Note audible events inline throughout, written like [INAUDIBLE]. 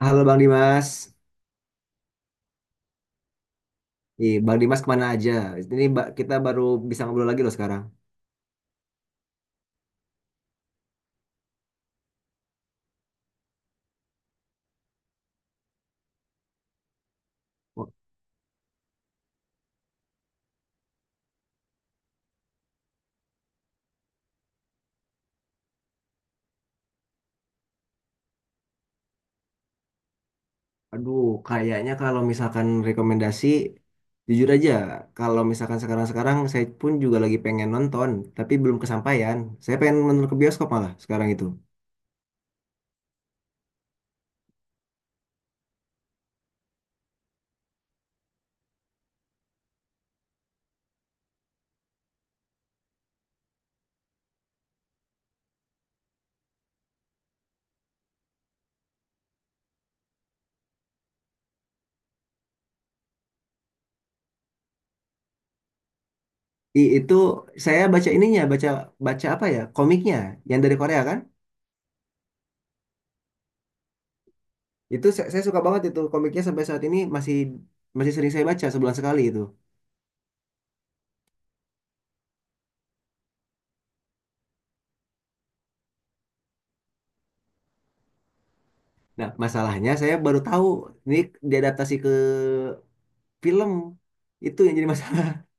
Halo Bang Dimas. Ih, Bang Dimas kemana aja? Ini kita baru bisa ngobrol lagi loh sekarang. Wah. Aduh, kayaknya kalau misalkan rekomendasi, jujur aja, kalau misalkan sekarang-sekarang saya pun juga lagi pengen nonton, tapi belum kesampaian. Saya pengen nonton ke bioskop malah sekarang itu. Itu saya baca ininya, baca baca apa ya? Komiknya yang dari Korea kan? Itu saya suka banget itu komiknya, sampai saat ini masih masih sering saya baca sebulan sekali itu. Nah, masalahnya saya baru tahu ini diadaptasi ke film, itu yang jadi masalah. [LAUGHS]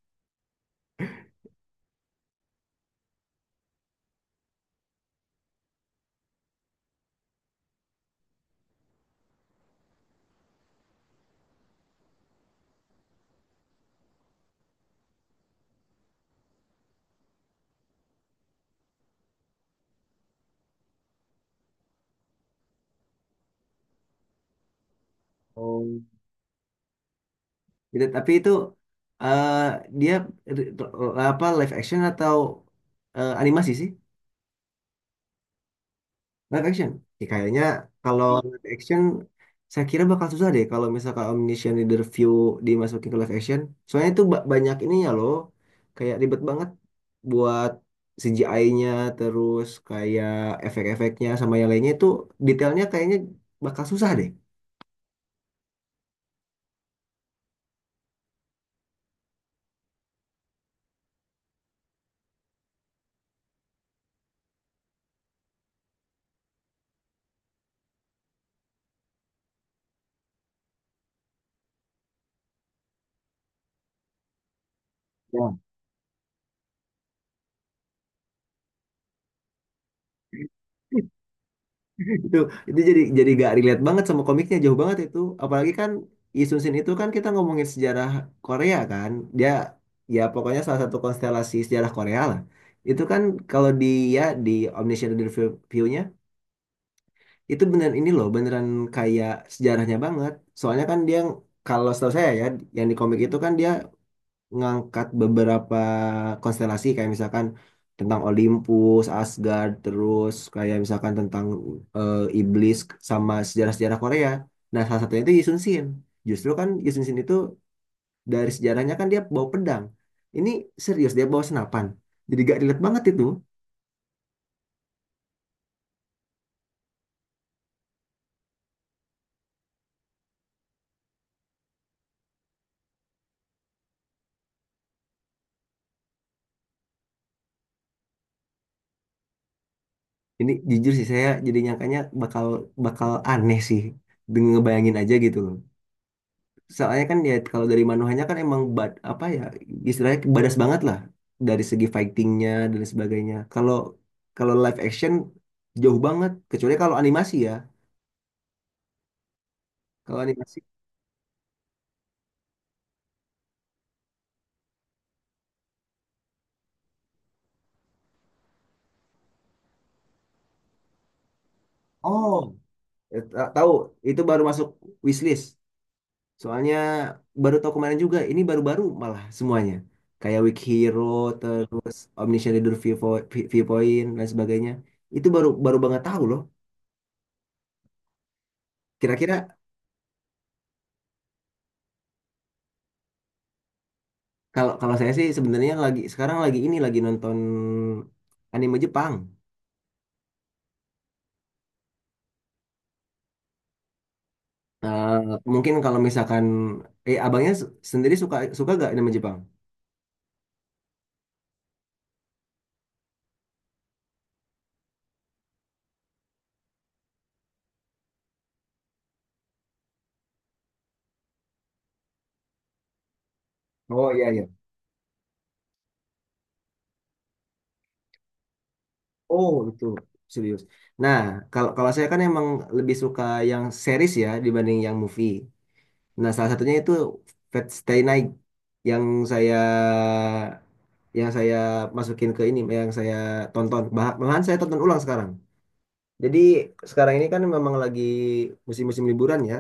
Oh. Gitu, tapi itu eh, dia r- apa, live action atau animasi sih? Live action. Ya, kayaknya kalau live action, saya kira bakal susah deh kalau misalkan Omniscient Reader View dimasukin ke live action, soalnya itu banyak ininya loh, kayak ribet banget buat CGI-nya, terus kayak efek-efeknya sama yang lainnya itu, detailnya kayaknya bakal susah deh. Ya. itu itu jadi gak relate banget sama komiknya, jauh banget itu. Apalagi kan Lee Sun Sin itu kan, kita ngomongin sejarah Korea kan. Dia, ya, pokoknya salah satu konstelasi sejarah Korea lah. Itu kan kalau di, ya, di Omniscient Review nya itu beneran ini loh, beneran kayak sejarahnya banget. Soalnya kan dia, kalau setahu saya ya, yang di komik itu kan dia ngangkat beberapa konstelasi, kayak misalkan tentang Olympus, Asgard, terus kayak misalkan tentang iblis, sama sejarah-sejarah Korea. Nah, salah satunya itu Yisun Shin. Justru kan Yisun Shin itu dari sejarahnya kan dia bawa pedang. Ini serius dia bawa senapan. Jadi gak relate banget itu. Ini jujur sih, saya jadi nyangkanya bakal bakal aneh sih. Dengan ngebayangin aja gitu loh. Soalnya kan ya, kalau dari Manohanya kan emang bad, apa ya istilahnya, badas banget lah dari segi fightingnya dan sebagainya. Kalau kalau live action jauh banget, kecuali kalau animasi ya. Kalau animasi. Oh, tahu, itu baru masuk wishlist. Soalnya baru tahu kemarin juga, ini baru-baru malah semuanya, kayak Weak Hero, terus Omniscient Reader Viewpoint dan sebagainya. Itu baru baru banget tahu loh. Kira-kira. Kalau kalau saya sih sebenarnya lagi, sekarang lagi ini lagi nonton anime Jepang. Eh, Mungkin kalau misalkan, abangnya sendiri suka, gak anime Jepang? Oh iya iya. Oh itu serius. Nah, kalau kalau saya kan emang lebih suka yang series ya, dibanding yang movie. Nah, salah satunya itu Fate Stay Night, yang saya saya masukin ke ini, yang saya tonton. Malahan saya tonton ulang sekarang. Jadi sekarang ini kan memang lagi musim-musim liburan ya.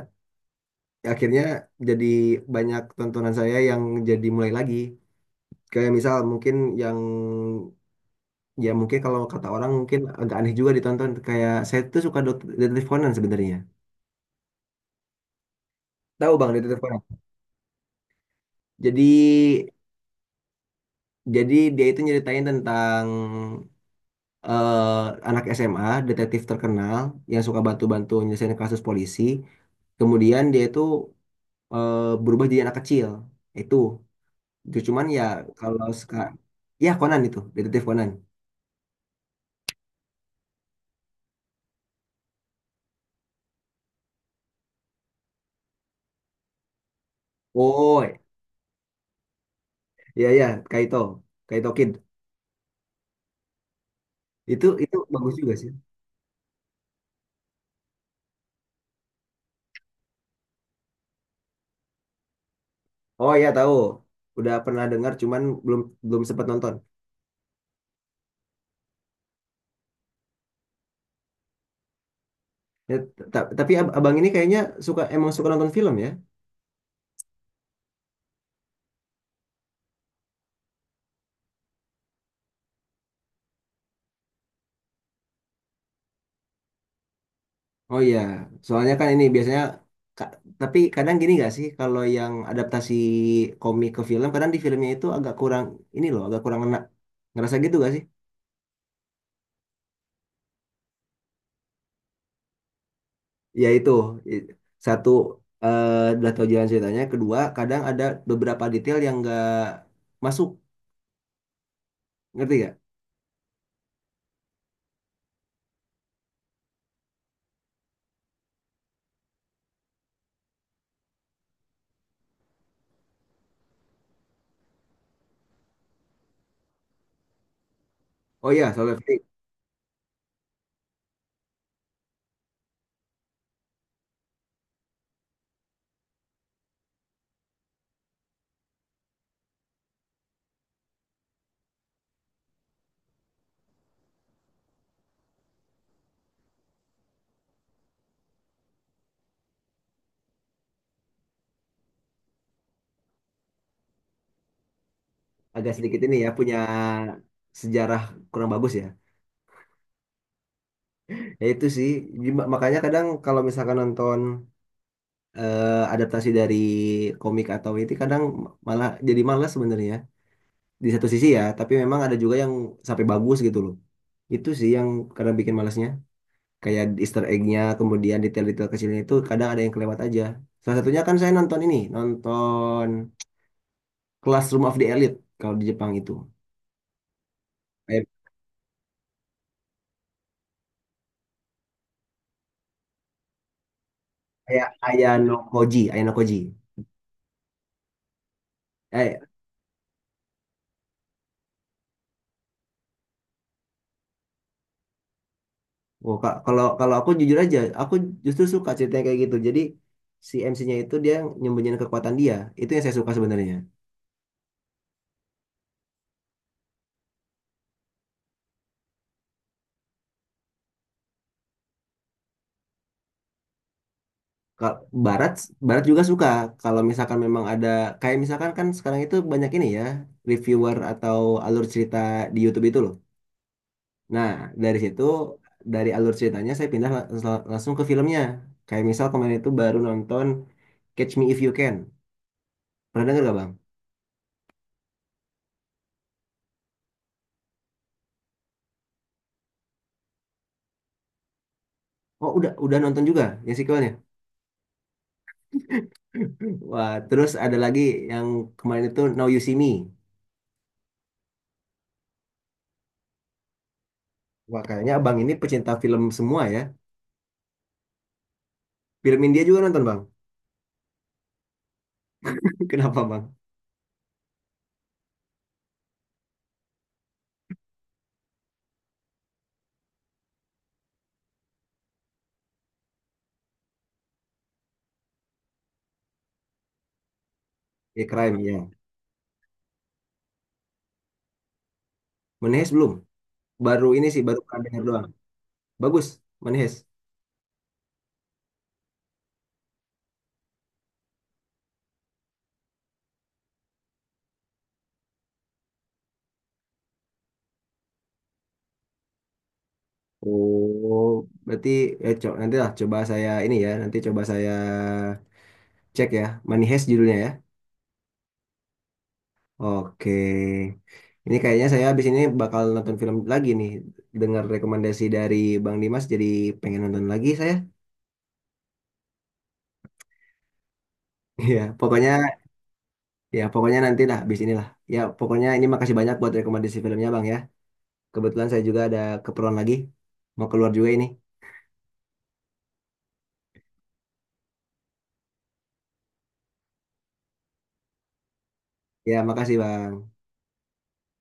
Akhirnya jadi banyak tontonan saya yang jadi mulai lagi, kayak misal mungkin yang, ya mungkin kalau kata orang mungkin agak aneh juga ditonton, kayak saya tuh suka detektif Conan sebenarnya. Tahu bang detektif Conan? Jadi, dia itu nyeritain tentang anak SMA detektif terkenal yang suka bantu-bantu nyelesain kasus polisi, kemudian dia itu berubah jadi anak kecil itu. Itu cuman, ya kalau sekarang, ya Conan itu detektif Conan. Oh iya iya, Kaito, Kaito Kid. Itu bagus juga sih. Oh iya tahu. Udah pernah dengar, cuman belum belum sempat nonton. Ya, tapi abang ini kayaknya suka, emang suka nonton film ya? Oh iya, soalnya kan ini biasanya ka- tapi kadang gini gak sih, kalau yang adaptasi komik ke film, kadang di filmnya itu agak kurang ini loh, agak kurang enak. Ngerasa gitu gak sih? Ya itu, I- satu, eh udah tahu jalan ceritanya, kedua kadang ada beberapa detail yang nggak masuk. Ngerti gak? Oh iya, Solo Leveling. Agak sedikit ini ya, punya sejarah kurang bagus ya. Ya itu sih. Jadi makanya kadang kalau misalkan nonton adaptasi dari komik atau itu, kadang malah jadi malas sebenarnya di satu sisi ya. Tapi memang ada juga yang sampai bagus gitu loh. Itu sih yang kadang bikin malasnya. Kayak Easter egg-nya, kemudian detail-detail kecilnya itu, kadang ada yang kelewat aja. Salah satunya kan saya nonton Classroom of the Elite kalau di Jepang itu. Kayak kayak Ayano Koji, Ayano Koji. Eh, oh, Kak, kalau kalau aku jujur aja, aku justru suka ceritanya kayak gitu. Jadi si MC-nya itu dia nyembunyiin kekuatan dia. Itu yang saya suka sebenarnya. Ka- Barat Barat juga suka. Kalau misalkan memang ada, kayak misalkan kan sekarang itu banyak ini ya, reviewer atau alur cerita di YouTube itu loh. Nah, dari situ, dari alur ceritanya saya pindah langsung ke filmnya. Kayak misal kemarin itu baru nonton Catch Me If You Can. Pernah denger gak, Bang? Oh, udah nonton juga yang sequelnya. Wah, terus ada lagi yang kemarin itu Now You See Me. Wah, kayaknya abang ini pecinta film semua ya. Film India juga nonton bang? [LAUGHS] Kenapa bang? Ya crime ya. Menehes belum. Baru ini sih, baru pernah dengar doang. Bagus, Menehes. Oh, berarti, ya, nanti lah coba saya ini ya. Nanti coba saya cek ya. Menehes judulnya ya. Oke. Ini kayaknya saya habis ini bakal nonton film lagi nih. Dengar rekomendasi dari Bang Dimas jadi pengen nonton lagi saya. [LAUGHS] Iya, pokoknya. Ya, pokoknya nanti lah, habis inilah. Ya, pokoknya ini makasih banyak buat rekomendasi filmnya, Bang ya. Kebetulan saya juga ada keperluan lagi. Mau keluar juga ini. Ya, makasih, Bang.